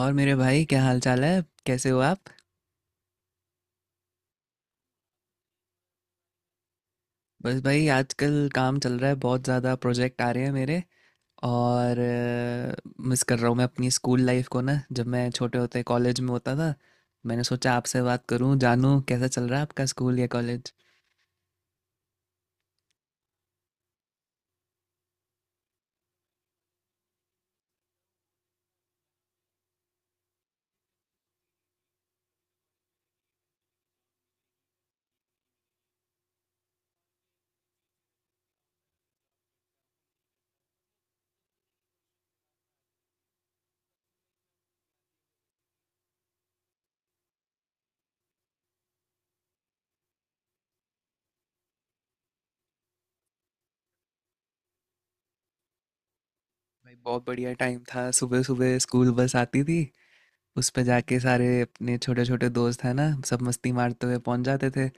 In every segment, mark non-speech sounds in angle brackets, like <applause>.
और मेरे भाई क्या हाल चाल है, कैसे हो आप। बस भाई आजकल काम चल रहा है, बहुत ज़्यादा प्रोजेक्ट आ रहे हैं मेरे। और मिस कर रहा हूँ मैं अपनी स्कूल लाइफ को ना, जब मैं छोटे होते कॉलेज में होता था। मैंने सोचा आपसे बात करूँ, जानूँ कैसा चल रहा है आपका स्कूल या कॉलेज। भाई बहुत बढ़िया टाइम था, सुबह सुबह स्कूल बस आती थी। उस पर जाके सारे अपने छोटे छोटे दोस्त हैं ना, सब मस्ती मारते हुए पहुंच जाते थे।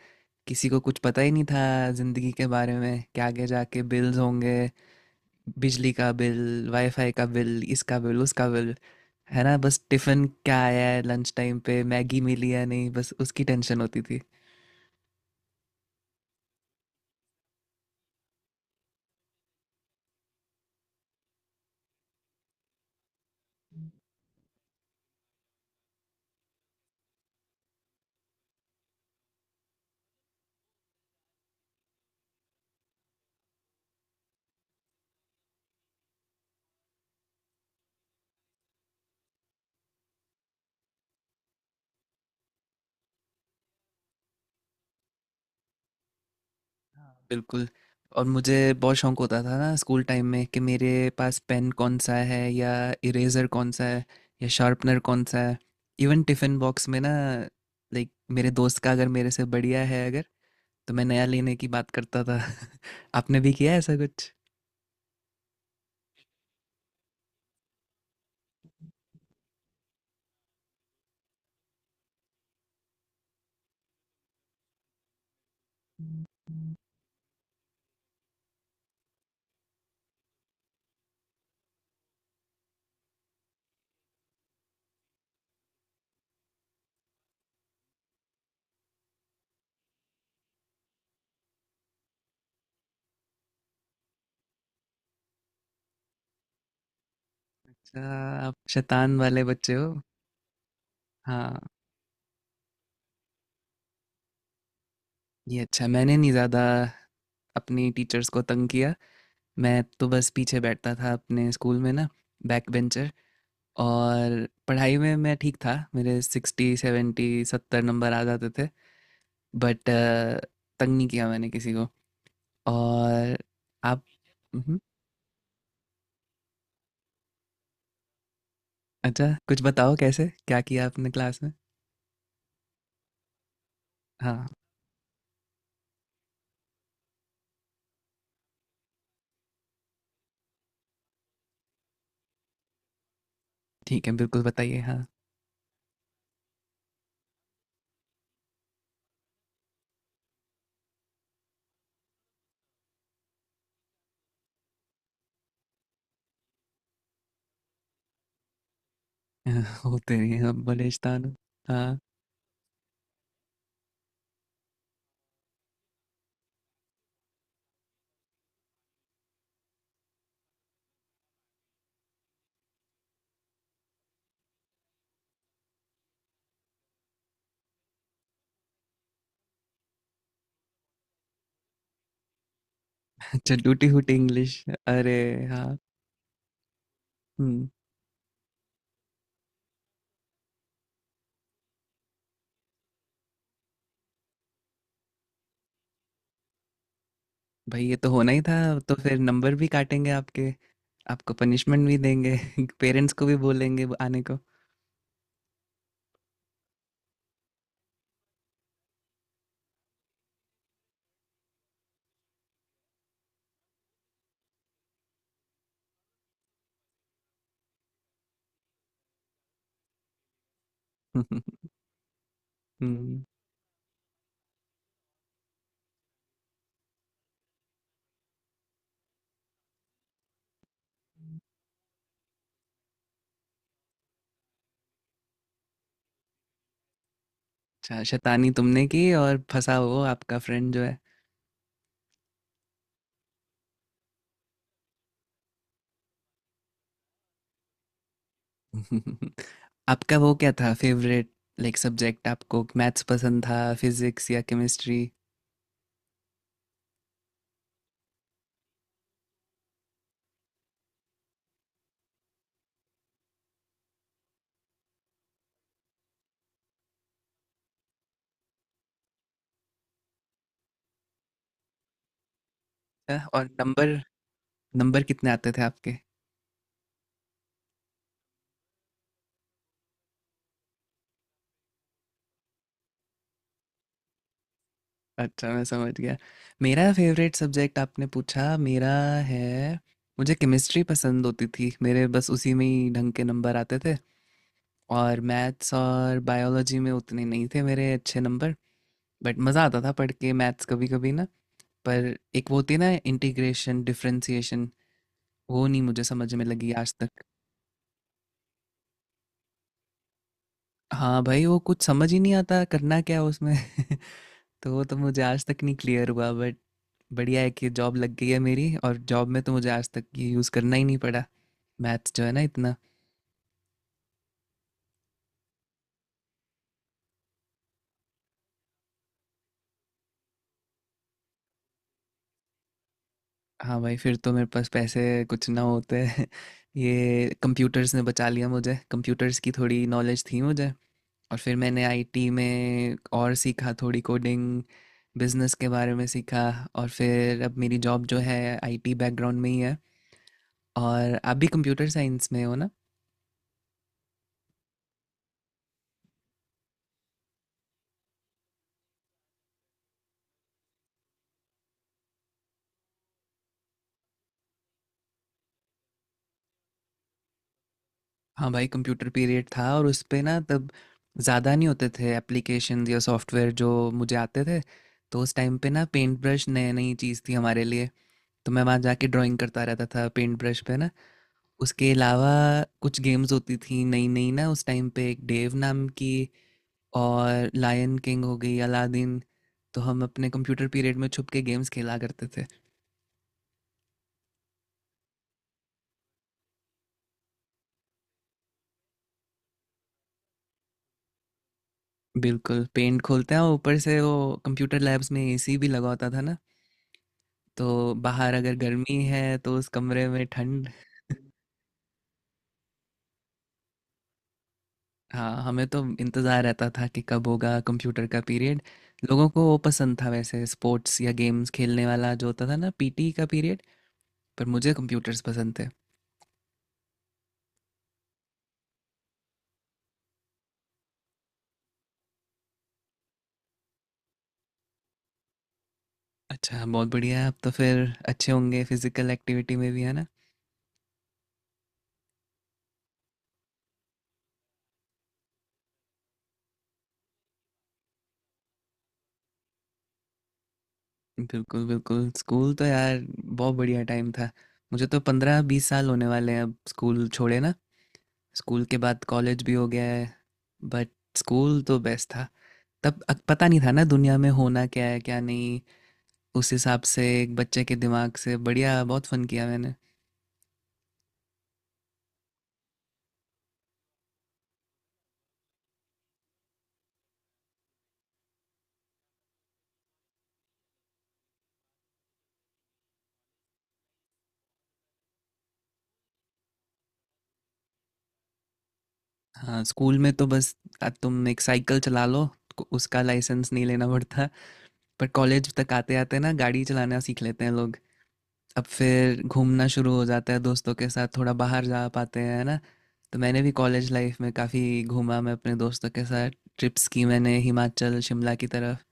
किसी को कुछ पता ही नहीं था ज़िंदगी के बारे में कि आगे जाके बिल्स होंगे, बिजली का बिल, वाईफाई का बिल, इसका बिल, उसका बिल। है ना, बस टिफिन क्या आया है, लंच टाइम पे मैगी मिली या नहीं, बस उसकी टेंशन होती थी। बिल्कुल। और मुझे बहुत शौक होता था ना स्कूल टाइम में कि मेरे पास पेन कौन सा है, या इरेजर कौन सा है, या शार्पनर कौन सा है। इवन टिफिन बॉक्स में ना, लाइक, मेरे दोस्त का अगर मेरे से बढ़िया है अगर, तो मैं नया लेने की बात करता था। <laughs> आपने भी किया है ऐसा कुछ? अच्छा, आप शैतान वाले बच्चे हो। हाँ। ये अच्छा मैंने नहीं ज़्यादा अपनी टीचर्स को तंग किया। मैं तो बस पीछे बैठता था अपने स्कूल में ना, बैक बेंचर। और पढ़ाई में मैं ठीक था, मेरे 60 70 70 नंबर आ जाते थे। बट तंग नहीं किया मैंने किसी को। और आप। मम्हम। अच्छा कुछ बताओ, कैसे क्या किया आपने क्लास में? हाँ। ठीक है, बिल्कुल बताइए। हाँ। <laughs> होते नहीं हम बलिस्तान। हाँ। अच्छा टूटी फूटी इंग्लिश। अरे। हाँ। हम्म। भाई ये तो होना ही था। तो फिर नंबर भी काटेंगे आपके, आपको पनिशमेंट भी देंगे। <laughs> पेरेंट्स को भी बोलेंगे वो आने को। <laughs> हम्म, अच्छा शैतानी तुमने की और फंसा वो आपका फ्रेंड जो है। <laughs> आपका वो क्या था फेवरेट, लाइक सब्जेक्ट? आपको मैथ्स पसंद था, फिजिक्स या केमिस्ट्री? और नंबर, नंबर कितने आते थे आपके? अच्छा, मैं समझ गया। मेरा फ़ेवरेट सब्जेक्ट आपने पूछा, मेरा है, मुझे केमिस्ट्री पसंद होती थी। मेरे बस उसी में ही ढंग के नंबर आते थे। और मैथ्स और बायोलॉजी में उतने नहीं थे मेरे अच्छे नंबर, बट मज़ा आता था पढ़ के मैथ्स कभी-कभी ना। पर एक वो होती है ना, इंटीग्रेशन, डिफ़रेंशिएशन, वो नहीं मुझे समझ में लगी आज तक। हाँ भाई, वो कुछ समझ ही नहीं आता करना क्या है उसमें। <laughs> तो वो तो मुझे आज तक नहीं क्लियर हुआ, बट बढ़िया है कि जॉब लग गई है मेरी, और जॉब में तो मुझे आज तक ये यूज़ करना ही नहीं पड़ा, मैथ्स जो है ना इतना। हाँ भाई, फिर तो मेरे पास पैसे कुछ ना होते हैं। <laughs> ये कंप्यूटर्स ने बचा लिया मुझे, कंप्यूटर्स की थोड़ी नॉलेज थी मुझे। और फिर मैंने आईटी में और सीखा, थोड़ी कोडिंग, बिजनेस के बारे में सीखा। और फिर अब मेरी जॉब जो है आईटी बैकग्राउंड में ही है। और आप भी कंप्यूटर साइंस में हो ना? हाँ भाई, कंप्यूटर पीरियड था और उस पे ना तब ज़्यादा नहीं होते थे एप्लीकेशंस या सॉफ्टवेयर जो मुझे आते थे। तो उस टाइम पे ना पेंट ब्रश नई नई चीज़ थी हमारे लिए। तो मैं वहाँ जाके ड्राइंग करता रहता था पेंट ब्रश पे ना। उसके अलावा कुछ गेम्स होती थी नई नई ना उस टाइम पे, एक डेव नाम की, और लायन किंग हो गई, अलादीन। तो हम अपने कंप्यूटर पीरियड में छुप के गेम्स खेला करते थे। बिल्कुल पेंट खोलते हैं, और ऊपर से वो, कंप्यूटर लैब्स में एसी भी लगा होता था ना। तो बाहर अगर गर्मी है तो उस कमरे में ठंड। हाँ हमें तो इंतज़ार रहता था कि कब होगा कंप्यूटर का पीरियड। लोगों को वो पसंद था वैसे, स्पोर्ट्स या गेम्स खेलने वाला जो होता था ना, पीटी का पीरियड। पर मुझे कंप्यूटर्स पसंद थे। अच्छा बहुत बढ़िया है, अब तो फिर अच्छे होंगे फिजिकल एक्टिविटी में भी है ना। बिल्कुल बिल्कुल, स्कूल तो यार बहुत बढ़िया टाइम था। मुझे तो 15-20 साल होने वाले हैं अब स्कूल छोड़े ना, स्कूल के बाद कॉलेज भी हो गया है, बट स्कूल तो बेस्ट था। तब पता नहीं था ना दुनिया में होना क्या है क्या नहीं, उस हिसाब से एक बच्चे के दिमाग से बढ़िया बहुत फन किया मैंने। हाँ स्कूल में तो बस, तुम एक साइकिल चला लो, उसका लाइसेंस नहीं लेना पड़ता। पर कॉलेज तक आते आते ना गाड़ी चलाना सीख लेते हैं लोग, अब फिर घूमना शुरू हो जाता है दोस्तों के साथ, थोड़ा बाहर जा पाते हैं है ना। तो मैंने भी कॉलेज लाइफ में काफ़ी घूमा, मैं अपने दोस्तों के साथ ट्रिप्स की मैंने, हिमाचल शिमला की तरफ।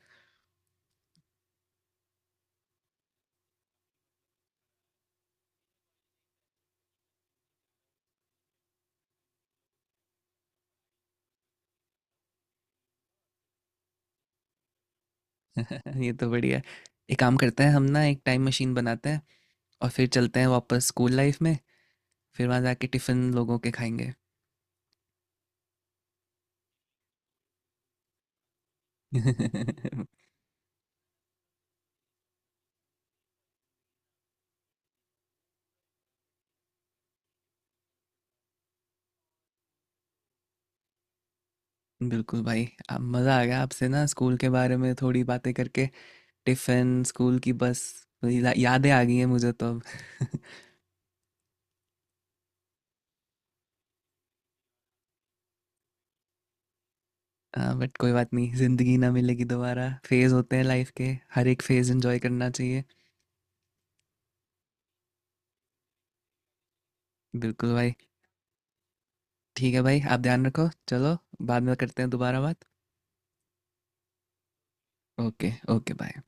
<laughs> ये तो बढ़िया, एक काम करते हैं हम ना, एक टाइम मशीन बनाते हैं और फिर चलते हैं वापस स्कूल लाइफ में, फिर वहाँ जाके टिफ़िन लोगों के खाएंगे। <laughs> बिल्कुल भाई, अब मज़ा आ गया आपसे ना स्कूल के बारे में थोड़ी बातें करके, टिफ़िन, स्कूल की बस, वही यादें आ गई हैं मुझे तो अब। <laughs> हाँ बट कोई बात नहीं, ज़िंदगी ना मिलेगी दोबारा, फेज़ होते हैं लाइफ के, हर एक फेज़ एंजॉय करना चाहिए। बिल्कुल भाई। ठीक है भाई, आप ध्यान रखो, चलो बाद में करते हैं दोबारा बात। Okay okay bye.